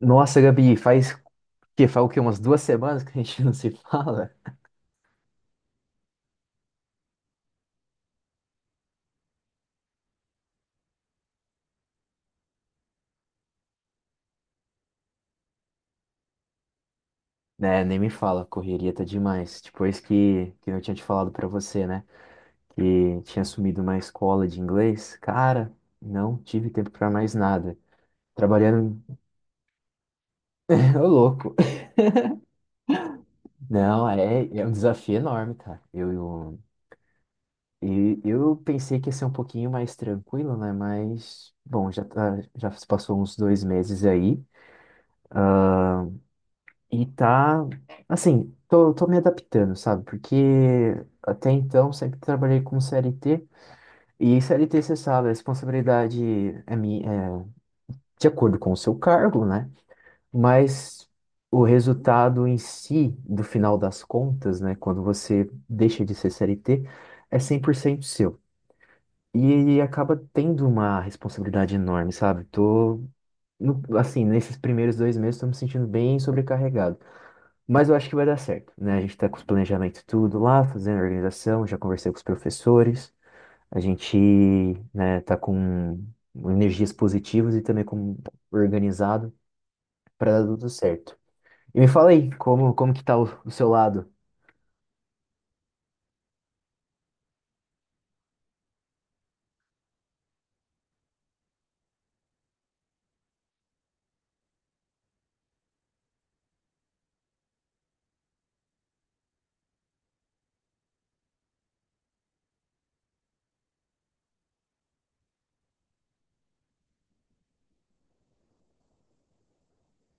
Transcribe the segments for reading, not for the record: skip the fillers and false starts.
Nossa, Gabi, faz o quê? Umas 2 semanas que a gente não se fala? Né, nem me fala, correria tá demais. Depois que eu tinha te falado pra você, né? Que tinha assumido uma escola de inglês, cara, não tive tempo pra mais nada. Trabalhando, ô louco. Não, é um desafio enorme, cara. E eu pensei que ia ser um pouquinho mais tranquilo, né? Mas, bom, já se passou uns 2 meses aí. E tá, assim, tô me adaptando, sabe? Porque até então sempre trabalhei com CLT. E CLT, você sabe, a responsabilidade é de acordo com o seu cargo, né? Mas o resultado em si, do final das contas, né? Quando você deixa de ser CLT, é 100% seu. E acaba tendo uma responsabilidade enorme, sabe? Tô, no- assim, nesses primeiros 2 meses, tô me sentindo bem sobrecarregado. Mas eu acho que vai dar certo, né? A gente tá com os planejamentos tudo lá, fazendo a organização, já conversei com os professores, a gente, né, tá com energias positivas e também com organizado para dar tudo certo. E me fala aí, como que tá o seu lado?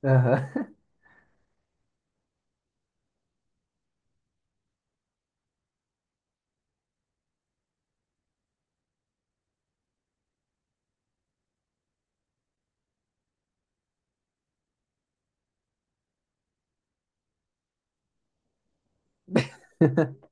Aham.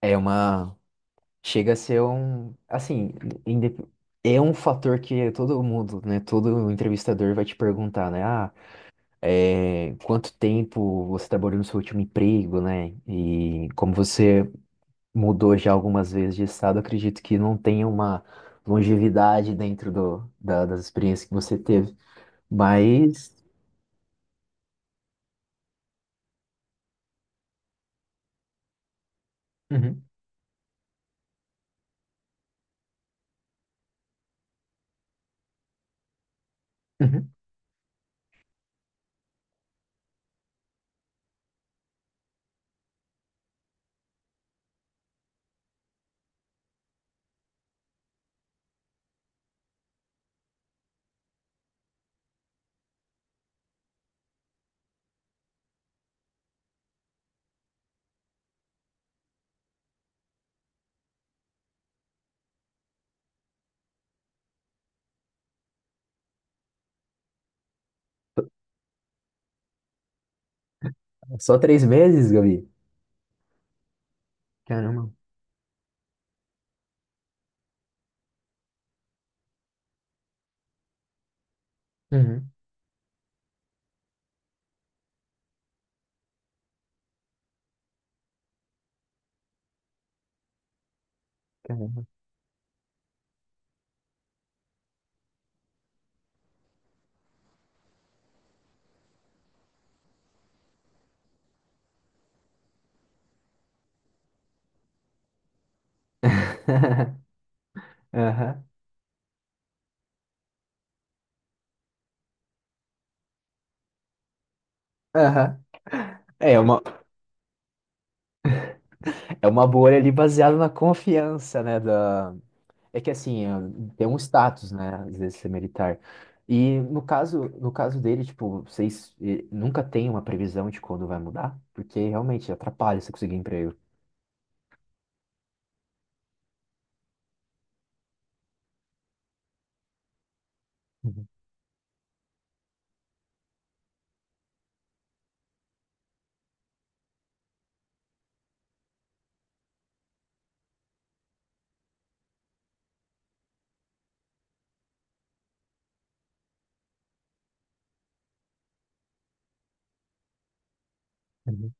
É uma. Chega a ser um. Assim, indep- é um fator que todo mundo, né? Todo entrevistador vai te perguntar, né? Ah é, quanto tempo você trabalhou no seu último emprego, né? E como você mudou já algumas vezes de estado, eu acredito que não tenha uma longevidade dentro das experiências que você teve. Mas. Uhum, uhum. Só 3 meses, Gabi? Caramba. Uhum, caramba. Aham, aham. É uma, é uma bolha ali baseada na confiança, né? É que assim, é, tem um status, né? Às vezes ser militar. E no caso dele, tipo, vocês nunca tem uma previsão de quando vai mudar? Porque realmente atrapalha você conseguir emprego. Uhum, uhum.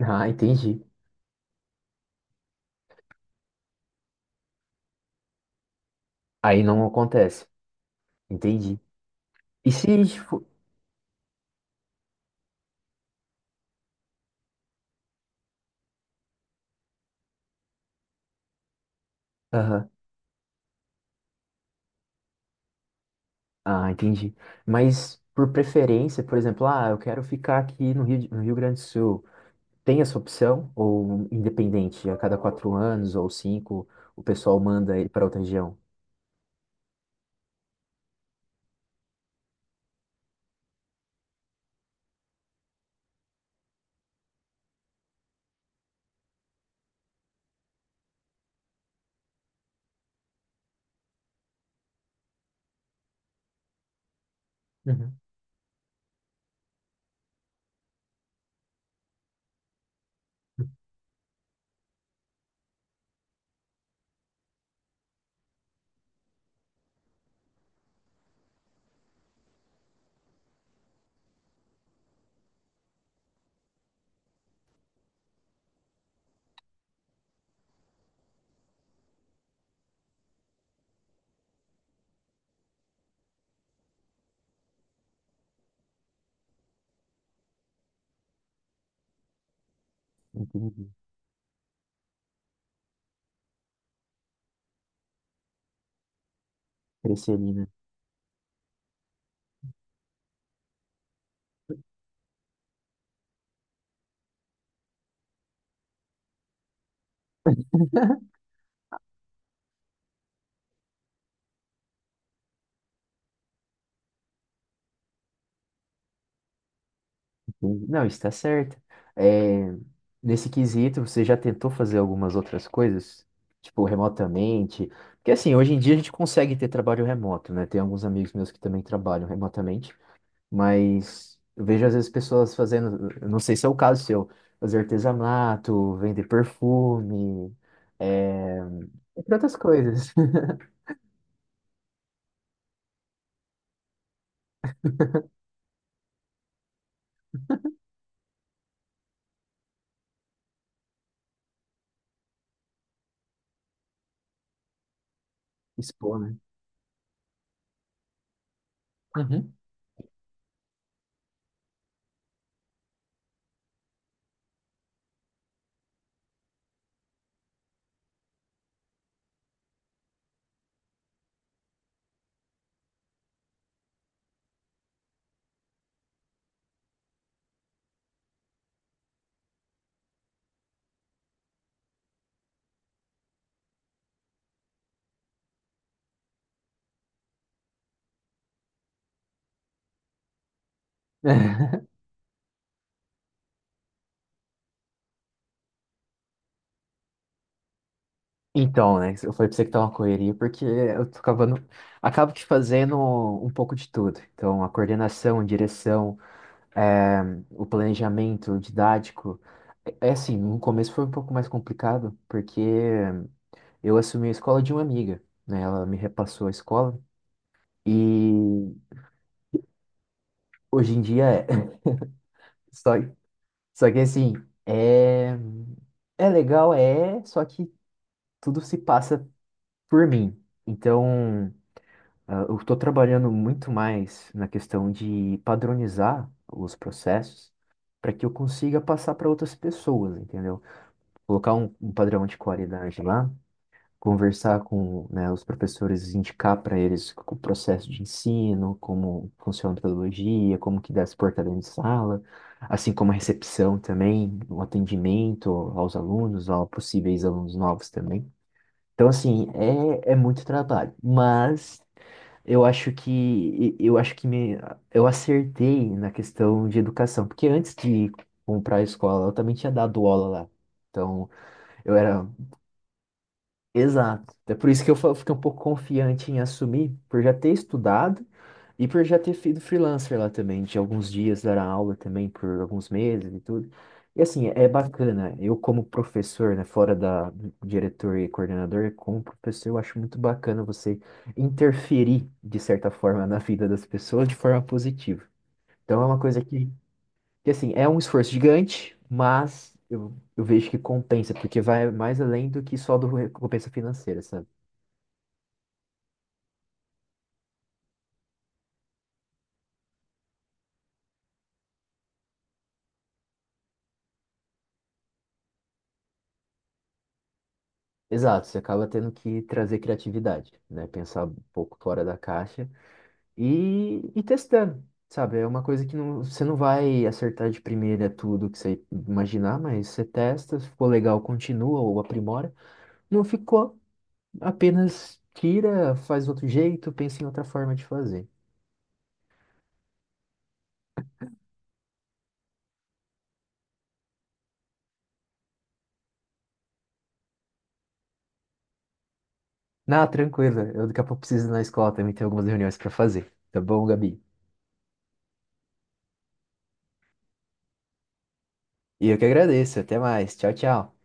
Ah, entendi. Aí não acontece. Entendi. E se, tipo. Aham. Ah, entendi. Mas por preferência, por exemplo, ah, eu quero ficar aqui no Rio Grande do Sul. Tem essa opção? Ou independente, a cada 4 anos ou 5, o pessoal manda ele para outra região? Uhum, entendi. Preferida. Entendi. Não, está certo. É, nesse quesito, você já tentou fazer algumas outras coisas? Tipo, remotamente? Porque, assim, hoje em dia a gente consegue ter trabalho remoto, né? Tem alguns amigos meus que também trabalham remotamente, mas eu vejo às vezes pessoas fazendo, eu não sei se é o caso seu, fazer artesanato, vender perfume, é, entre outras coisas. Expor, né? Uhum. Então, né, eu falei pra você que tá uma correria, porque acabo que fazendo um pouco de tudo. Então, a coordenação, direção, eh, o planejamento didático. É assim, no começo foi um pouco mais complicado, porque eu assumi a escola de uma amiga, né? Ela me repassou a escola, e hoje em dia é. Só, só que assim, é, é, legal, só que tudo se passa por mim. Então. Ah, eu estou trabalhando muito mais na questão de padronizar os processos para que eu consiga passar para outras pessoas, entendeu? Colocar um padrão de qualidade lá, conversar com, né, os professores, indicar para eles o processo de ensino, como funciona a metodologia, como que dá se portar dentro de sala, assim como a recepção também, o atendimento aos alunos, a possíveis alunos novos também. Então, assim, é muito trabalho. Mas eu acho que eu acho que me, eu acertei na questão de educação, porque antes de comprar a escola, eu também tinha dado aula lá. Então, eu era. Exato. É por isso que eu fiquei um pouco confiante em assumir, por já ter estudado e por já ter sido freelancer lá também, de alguns dias dar aula também por alguns meses e tudo. E assim, é bacana. Eu como professor, né, fora da diretor e coordenador, como professor, eu acho muito bacana você interferir de certa forma na vida das pessoas de forma positiva. Então é uma coisa que assim, é um esforço gigante, mas eu vejo que compensa, porque vai mais além do que só do recompensa financeira, sabe? Exato, você acaba tendo que trazer criatividade, né? Pensar um pouco fora da caixa e testando, sabe? É uma coisa que não, você não vai acertar de primeira tudo que você imaginar, mas você testa, se ficou legal, continua ou aprimora. Não ficou, apenas tira, faz outro jeito, pensa em outra forma de fazer. Não, tranquila. Eu daqui a pouco preciso ir na escola também, tem algumas reuniões para fazer. Tá bom, Gabi? E eu que agradeço, até mais. Tchau, tchau.